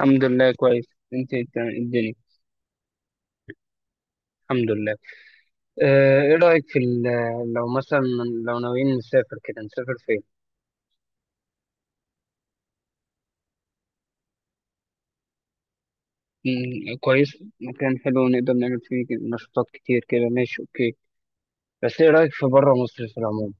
الحمد لله كويس. الدنيا. الحمد لله. اه، ايه رأيك في لو مثلا لو ناويين نسافر كده نسافر فين؟ كويس، مكان حلو نقدر نعمل فيه نشاطات كتير كده. ماشي، اوكي. بس ايه رأيك في بره مصر في العموم؟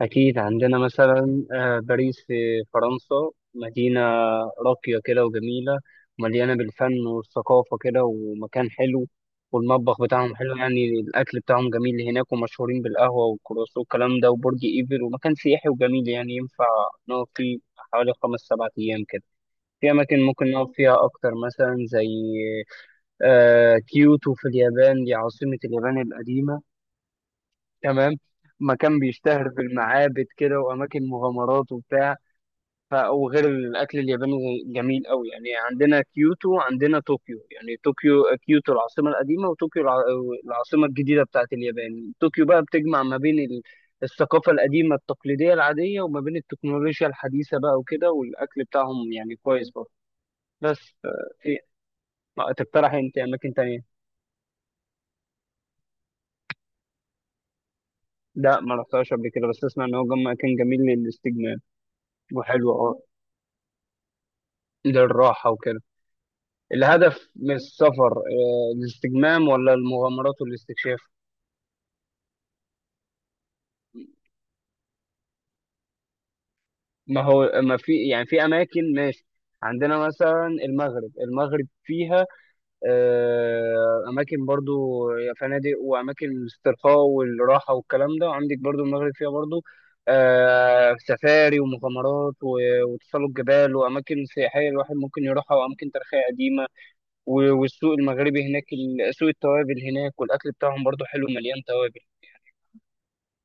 أكيد عندنا مثلا باريس في فرنسا، مدينة راقية كده وجميلة ومليانة بالفن والثقافة كده، ومكان حلو. والمطبخ بتاعهم حلو، يعني الأكل بتاعهم جميل هناك، ومشهورين بالقهوة والكرواسون والكلام ده وبرج إيفل، ومكان سياحي وجميل. يعني ينفع نقعد فيه حوالي 5-7 أيام كده. في أماكن ممكن نقعد فيها أكتر، مثلا زي كيوتو في اليابان، دي عاصمة اليابان القديمة. تمام. مكان بيشتهر بالمعابد كده وأماكن مغامرات وبتاع. وغير الأكل الياباني جميل قوي. يعني عندنا كيوتو، عندنا طوكيو. يعني طوكيو كيوتو العاصمة القديمة، وطوكيو العاصمة الجديدة بتاعت اليابان. طوكيو بقى بتجمع ما بين الثقافة القديمة التقليدية العادية، وما بين التكنولوجيا الحديثة بقى وكده. والأكل بتاعهم يعني كويس برضه. بس في. ما تقترح أنت أماكن تانية؟ لا، ما رحتهاش قبل كده، بس أسمع إن هو مكان جميل للاستجمام وحلو. أه، للراحة وكده. الهدف من السفر الاستجمام ولا المغامرات والاستكشاف؟ ما هو ما في، يعني في أماكن. ماشي. عندنا مثلا المغرب، المغرب فيها أماكن برضو، فنادق وأماكن الاسترخاء والراحة والكلام ده. وعندك برضو المغرب فيها برضو سفاري ومغامرات وتسلق جبال وأماكن سياحية الواحد ممكن يروحها، وأماكن تاريخية قديمة. والسوق المغربي هناك، سوق التوابل هناك، والأكل بتاعهم برضو حلو مليان توابل.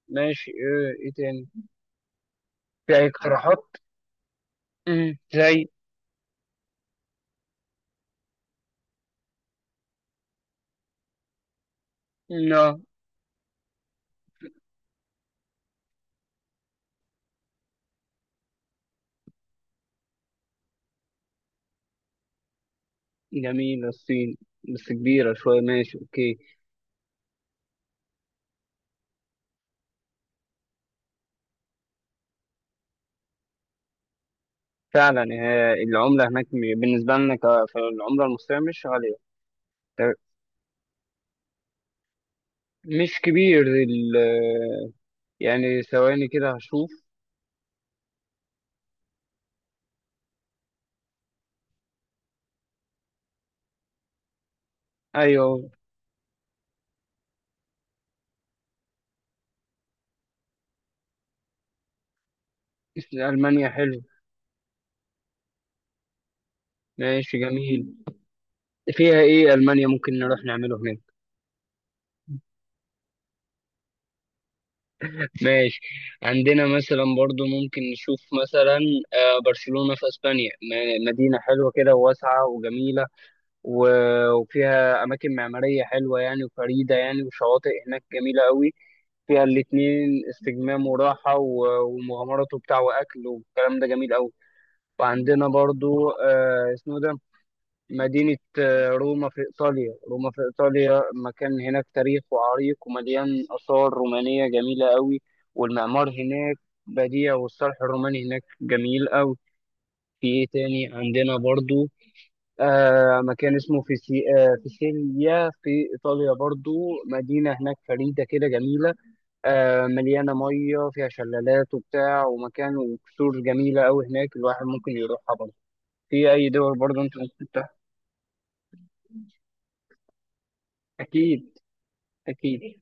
ماشي. إيه، إيه تاني؟ في أي اقتراحات؟ زي. لا. جميلة الصين، بس كبيرة شوية. ماشي أوكي. فعلا العملة هناك بالنسبة لنا فالعملة المصرية مش غالية. ت- مش كبير يعني ثواني كده هشوف. أيوه. ألمانيا حلو. ماشي، جميل. فيها إيه ألمانيا ممكن نروح نعمله هناك؟ ماشي. عندنا مثلا برضو ممكن نشوف مثلا برشلونة في اسبانيا، مدينة حلوة كده وواسعة وجميلة. وفيها اماكن معمارية حلوة يعني وفريدة يعني، وشواطئ هناك جميلة قوي. فيها الاتنين، استجمام وراحة ومغامرات وبتاع واكل والكلام ده جميل قوي. وعندنا برضو آه، اسمه ده، مدينة روما في إيطاليا. مكان هناك تاريخ وعريق ومليان آثار رومانية جميلة قوي. والمعمار هناك بديع، والصرح الروماني هناك جميل قوي. في إيه تاني عندنا برضو؟ آه، مكان اسمه آه، فيسيليا في إيطاليا برضو. مدينة هناك فريدة كده، جميلة آه، مليانة مية، فيها شلالات وبتاع ومكان وكسور جميلة قوي هناك الواحد ممكن يروحها برضو. في أي دول برضو أنت ممكن تروح؟ أكيد. أكيد.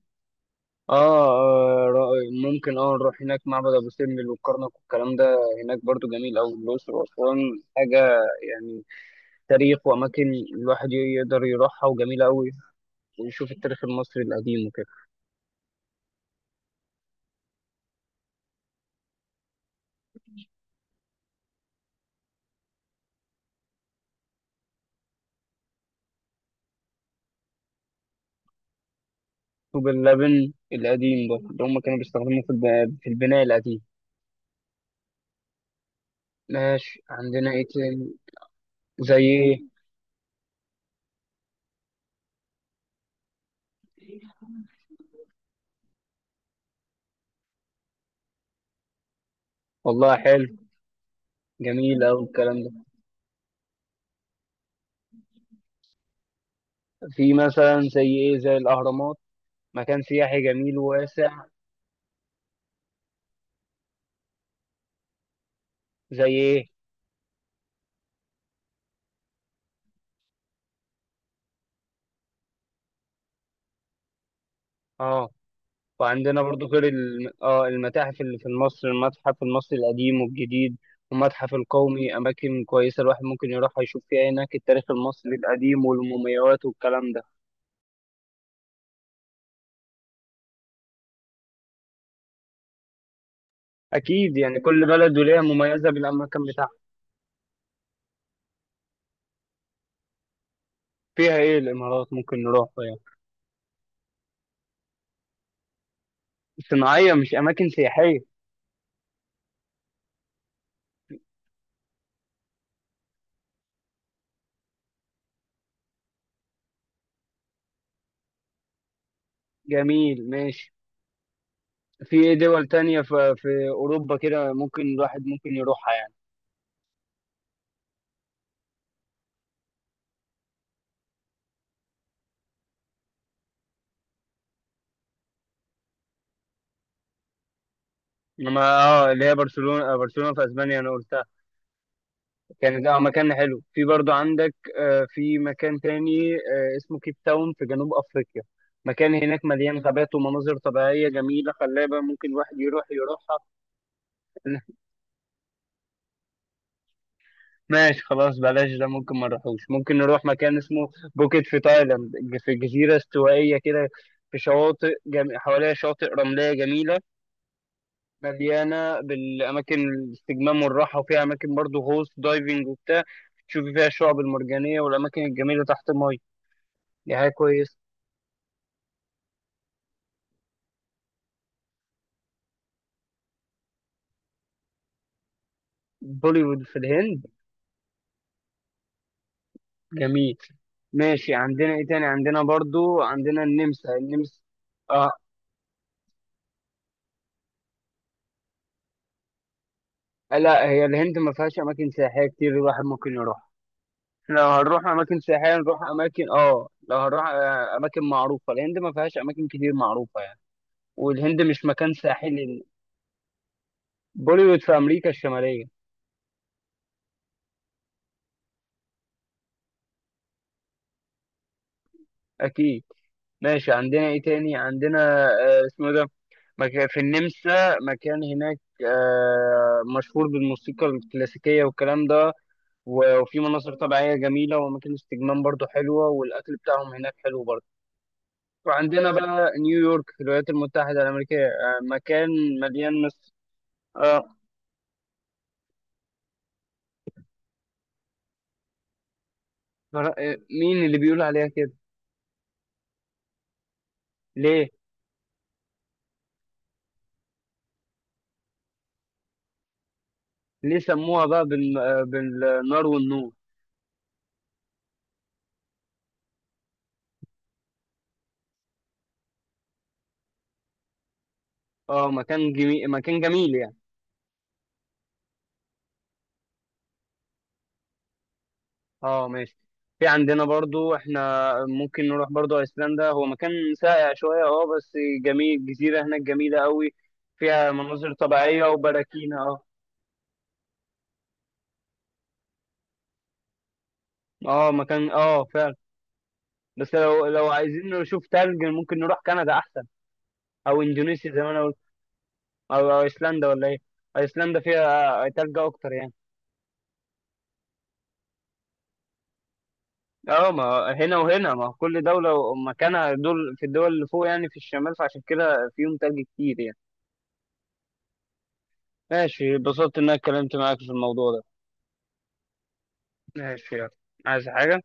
اه. آه، ممكن اه نروح هناك معبد ابو سمبل والكرنك والكلام ده، هناك برضو جميل. او الاقصر واسوان، حاجه يعني، تاريخ واماكن الواحد يقدر يروحها وجميله قوي، ويشوف التاريخ المصري القديم وكده. طوب اللبن القديم برضو اللي هم كانوا بيستخدموه في في البناء القديم. ماشي. عندنا ايه تاني؟ زي ايه؟ والله حلو، جميل أوي الكلام ده. في مثلا زي ايه، زي الاهرامات؟ مكان سياحي جميل وواسع. زي ايه؟ اه. وعندنا برضو غير اه المتاحف اللي في مصر، المتحف المصري القديم والجديد والمتحف القومي، أماكن كويسة الواحد ممكن يروحها يشوف فيها هناك التاريخ المصري القديم والمومياوات والكلام ده. أكيد. يعني كل بلد وليها مميزة بالأماكن بتاعها. فيها إيه الإمارات ممكن نروحها يعني؟ صناعية مش أماكن سياحية؟ جميل، ماشي. في إيه دول تانية في أوروبا كده ممكن الواحد ممكن يروحها يعني؟ إنما اه اللي هي برشلونة، برشلونة في أسبانيا أنا قلت كانت اه مكان حلو. في برضو عندك في مكان تاني اسمه كيب تاون في جنوب افريقيا. مكان هناك مليان غابات ومناظر طبيعية جميلة خلابة ممكن الواحد يروح يروحها. ماشي، خلاص بلاش ده، ممكن ما نروحوش. ممكن نروح مكان اسمه بوكيت في تايلاند. في جزيرة استوائية كده، في شواطئ حواليها شواطئ رملية جميلة مليانة بالأماكن الاستجمام والراحة. وفيها أماكن برضو غوص دايفنج وبتاع، تشوفي فيها الشعب المرجانية والأماكن الجميلة تحت المية. دي حاجة كويسة. بوليوود في الهند. جميل. ماشي، عندنا ايه تاني؟ عندنا برضو عندنا النمسا. النمسا، اه. لا، هي الهند ما فيهاش اماكن سياحيه كتير الواحد ممكن يروح. لو هنروح اماكن سياحيه نروح اماكن، اه لو هنروح اماكن معروفه، الهند ما فيهاش اماكن كتير معروفه يعني. والهند مش مكان ساحلي. بوليوود في امريكا الشماليه. اكيد. ماشي. عندنا ايه تاني؟ عندنا آه، اسمه ده، في النمسا مكان هناك مشهور بالموسيقى الكلاسيكية والكلام ده. وفي مناظر طبيعية جميلة وأماكن استجمام برضو حلوة، والأكل بتاعهم هناك حلو برضو. وعندنا بقى نيويورك في الولايات المتحدة الأمريكية، مكان مليان. مصر، آه آه، مين اللي بيقول عليها كده؟ ليه؟ ليه سموها بقى آه، بالنار والنور؟ اه، مكان جميل، مكان جميل يعني. اه، ماشي. في عندنا برضو احنا ممكن نروح برضو ايسلندا. هو مكان ساقع شوية اه، بس جميل. جزيرة هناك جميلة قوي. فيها مناظر طبيعية وبراكين اه. اه، مكان اه فعلا. بس لو لو عايزين نشوف تلج ممكن نروح كندا احسن. او اندونيسيا زي ما انا قلت. او ايسلندا ولا ايه؟ ايسلندا فيها تلج اكتر يعني. اه، ما هنا وهنا ما هو كل دولة ومكانها. دول في الدول اللي فوق يعني في الشمال، فعشان كده فيهم تلج كتير يعني. ماشي. اتبسطت ان انا اتكلمت معاك في الموضوع ده. ماشي، يلا. عايز حاجة؟